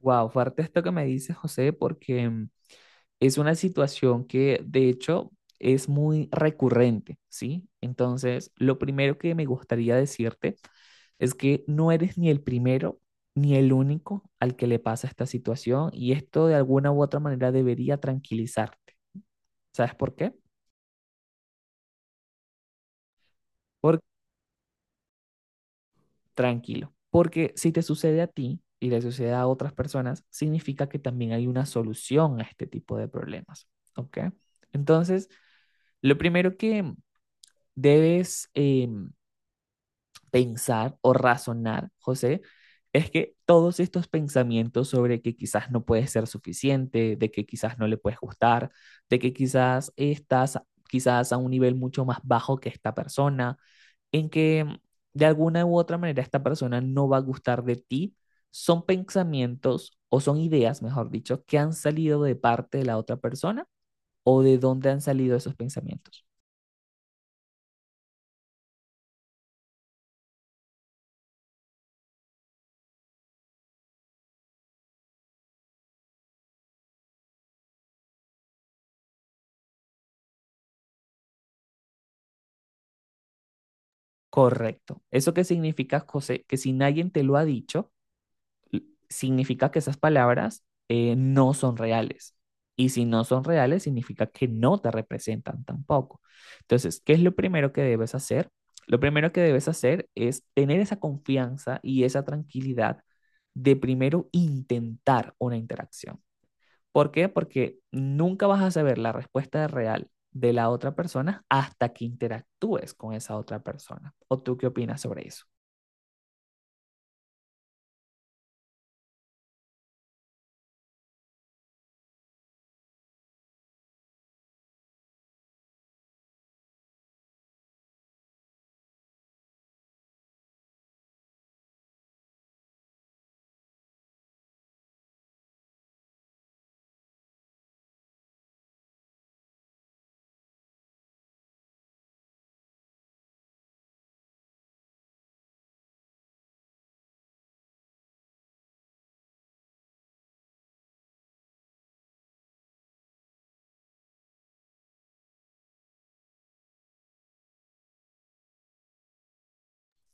Wow, fuerte esto que me dices, José, porque es una situación que de hecho es muy recurrente, ¿sí? Entonces, lo primero que me gustaría decirte es que no eres ni el primero ni el único al que le pasa esta situación y esto de alguna u otra manera debería tranquilizarte. ¿Sabes por qué? Por tranquilo, porque si te sucede a ti y le sucede a otras personas, significa que también hay una solución a este tipo de problemas, ¿ok? Entonces, lo primero que debes pensar o razonar, José, es que todos estos pensamientos sobre que quizás no puedes ser suficiente, de que quizás no le puedes gustar, de que quizás estás quizás a un nivel mucho más bajo que esta persona, en que de alguna u otra manera esta persona no va a gustar de ti, son pensamientos o son ideas, mejor dicho, que han salido de parte de la otra persona o de dónde han salido esos pensamientos. Correcto. ¿Eso qué significa, José? Que si nadie te lo ha dicho, significa que esas palabras no son reales. Y si no son reales, significa que no te representan tampoco. Entonces, ¿qué es lo primero que debes hacer? Lo primero que debes hacer es tener esa confianza y esa tranquilidad de primero intentar una interacción. ¿Por qué? Porque nunca vas a saber la respuesta real de la otra persona hasta que interactúes con esa otra persona. ¿O tú qué opinas sobre eso?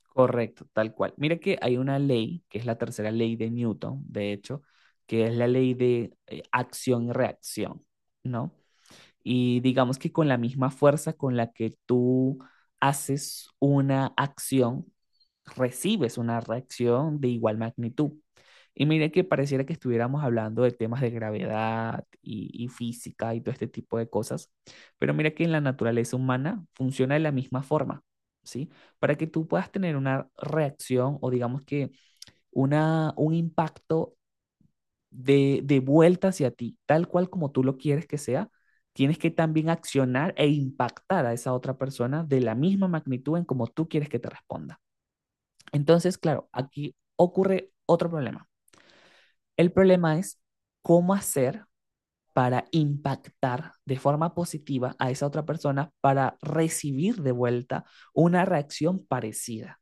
Correcto, tal cual. Mira que hay una ley, que es la tercera ley de Newton, de hecho, que es la ley de acción y reacción, ¿no? Y digamos que con la misma fuerza con la que tú haces una acción, recibes una reacción de igual magnitud. Y mire que pareciera que estuviéramos hablando de temas de gravedad y física y todo este tipo de cosas, pero mira que en la naturaleza humana funciona de la misma forma, ¿sí? Para que tú puedas tener una reacción o digamos que una, un impacto de vuelta hacia ti, tal cual como tú lo quieres que sea, tienes que también accionar e impactar a esa otra persona de la misma magnitud en como tú quieres que te responda. Entonces, claro, aquí ocurre otro problema. El problema es cómo hacer para impactar de forma positiva a esa otra persona para recibir de vuelta una reacción parecida.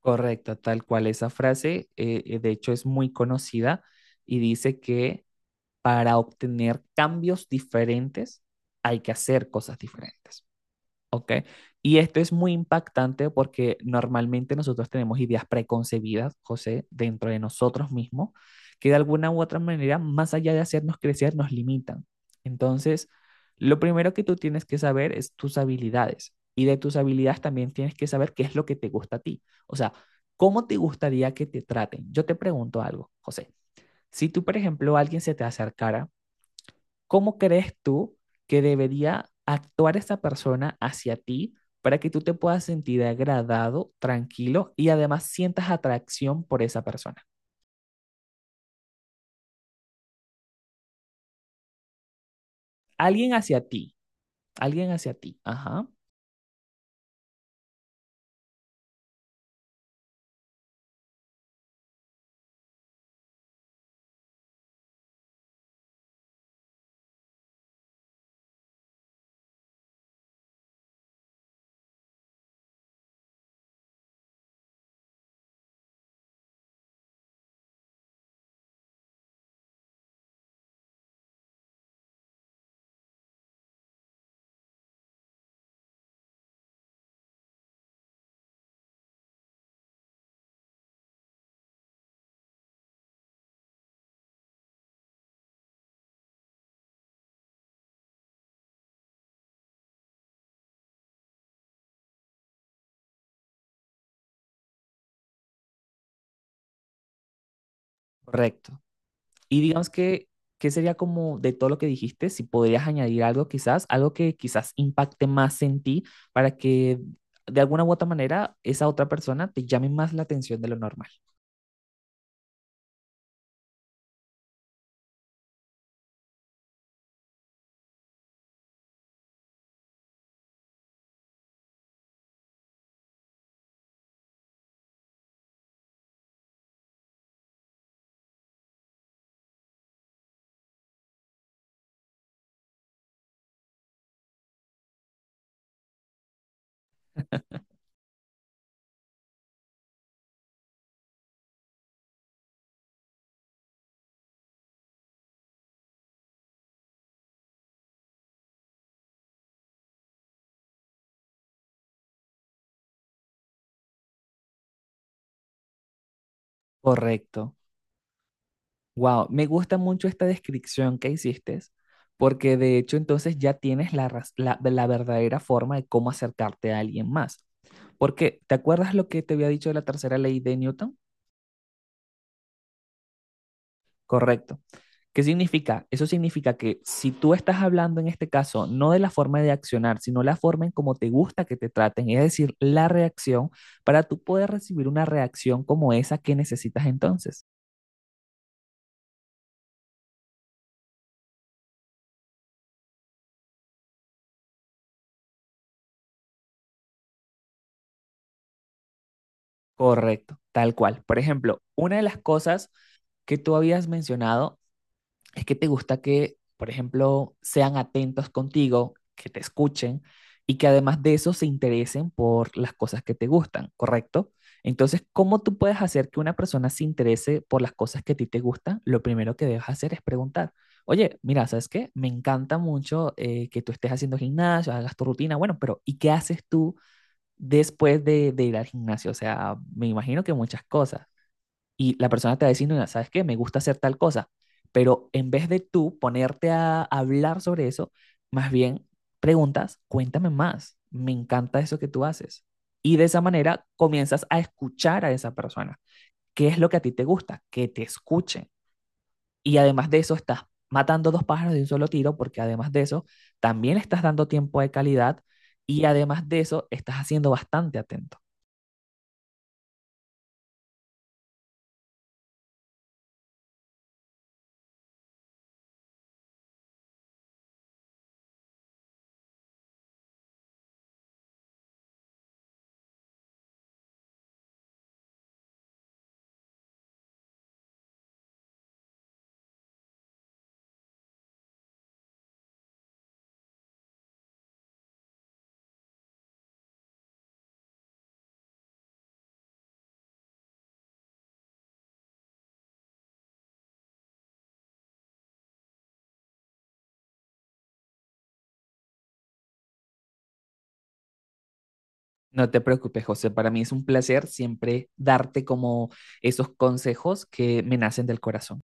Correcto, tal cual esa frase, de hecho, es muy conocida y dice que para obtener cambios diferentes hay que hacer cosas diferentes. ¿Ok? Y esto es muy impactante porque normalmente nosotros tenemos ideas preconcebidas, José, dentro de nosotros mismos, que de alguna u otra manera, más allá de hacernos crecer, nos limitan. Entonces, lo primero que tú tienes que saber es tus habilidades y de tus habilidades también tienes que saber qué es lo que te gusta a ti. O sea, ¿cómo te gustaría que te traten? Yo te pregunto algo, José. Si tú, por ejemplo, alguien se te acercara, ¿cómo crees tú que debería actuar esa persona hacia ti para que tú te puedas sentir agradado, tranquilo y además sientas atracción por esa persona? Alguien hacia ti, alguien hacia ti. Ajá, correcto. Y digamos que, ¿qué sería como de todo lo que dijiste? Si podrías añadir algo quizás, algo que quizás impacte más en ti para que de alguna u otra manera esa otra persona te llame más la atención de lo normal. Correcto. Wow, me gusta mucho esta descripción que hiciste, porque de hecho entonces ya tienes la verdadera forma de cómo acercarte a alguien más. Porque, ¿te acuerdas lo que te había dicho de la tercera ley de Newton? Correcto. ¿Qué significa? Eso significa que si tú estás hablando en este caso no de la forma de accionar, sino la forma en cómo te gusta que te traten, es decir, la reacción, para tú poder recibir una reacción como esa que necesitas entonces. Correcto, tal cual. Por ejemplo, una de las cosas que tú habías mencionado es que te gusta que, por ejemplo, sean atentos contigo, que te escuchen y que además de eso se interesen por las cosas que te gustan, ¿correcto? Entonces, ¿cómo tú puedes hacer que una persona se interese por las cosas que a ti te gustan? Lo primero que debes hacer es preguntar, oye, mira, ¿sabes qué? Me encanta mucho que tú estés haciendo gimnasio, hagas tu rutina, bueno, pero ¿y qué haces tú después de ir al gimnasio? O sea, me imagino que muchas cosas y la persona te va a decir, "Mira, ¿sabes qué? Me gusta hacer tal cosa". Pero en vez de tú ponerte a hablar sobre eso, más bien preguntas, cuéntame más, me encanta eso que tú haces. Y de esa manera comienzas a escuchar a esa persona. ¿Qué es lo que a ti te gusta? Que te escuchen. Y además de eso estás matando dos pájaros de un solo tiro porque además de eso también estás dando tiempo de calidad y además de eso estás haciendo bastante atento. No te preocupes, José. Para mí es un placer siempre darte como esos consejos que me nacen del corazón.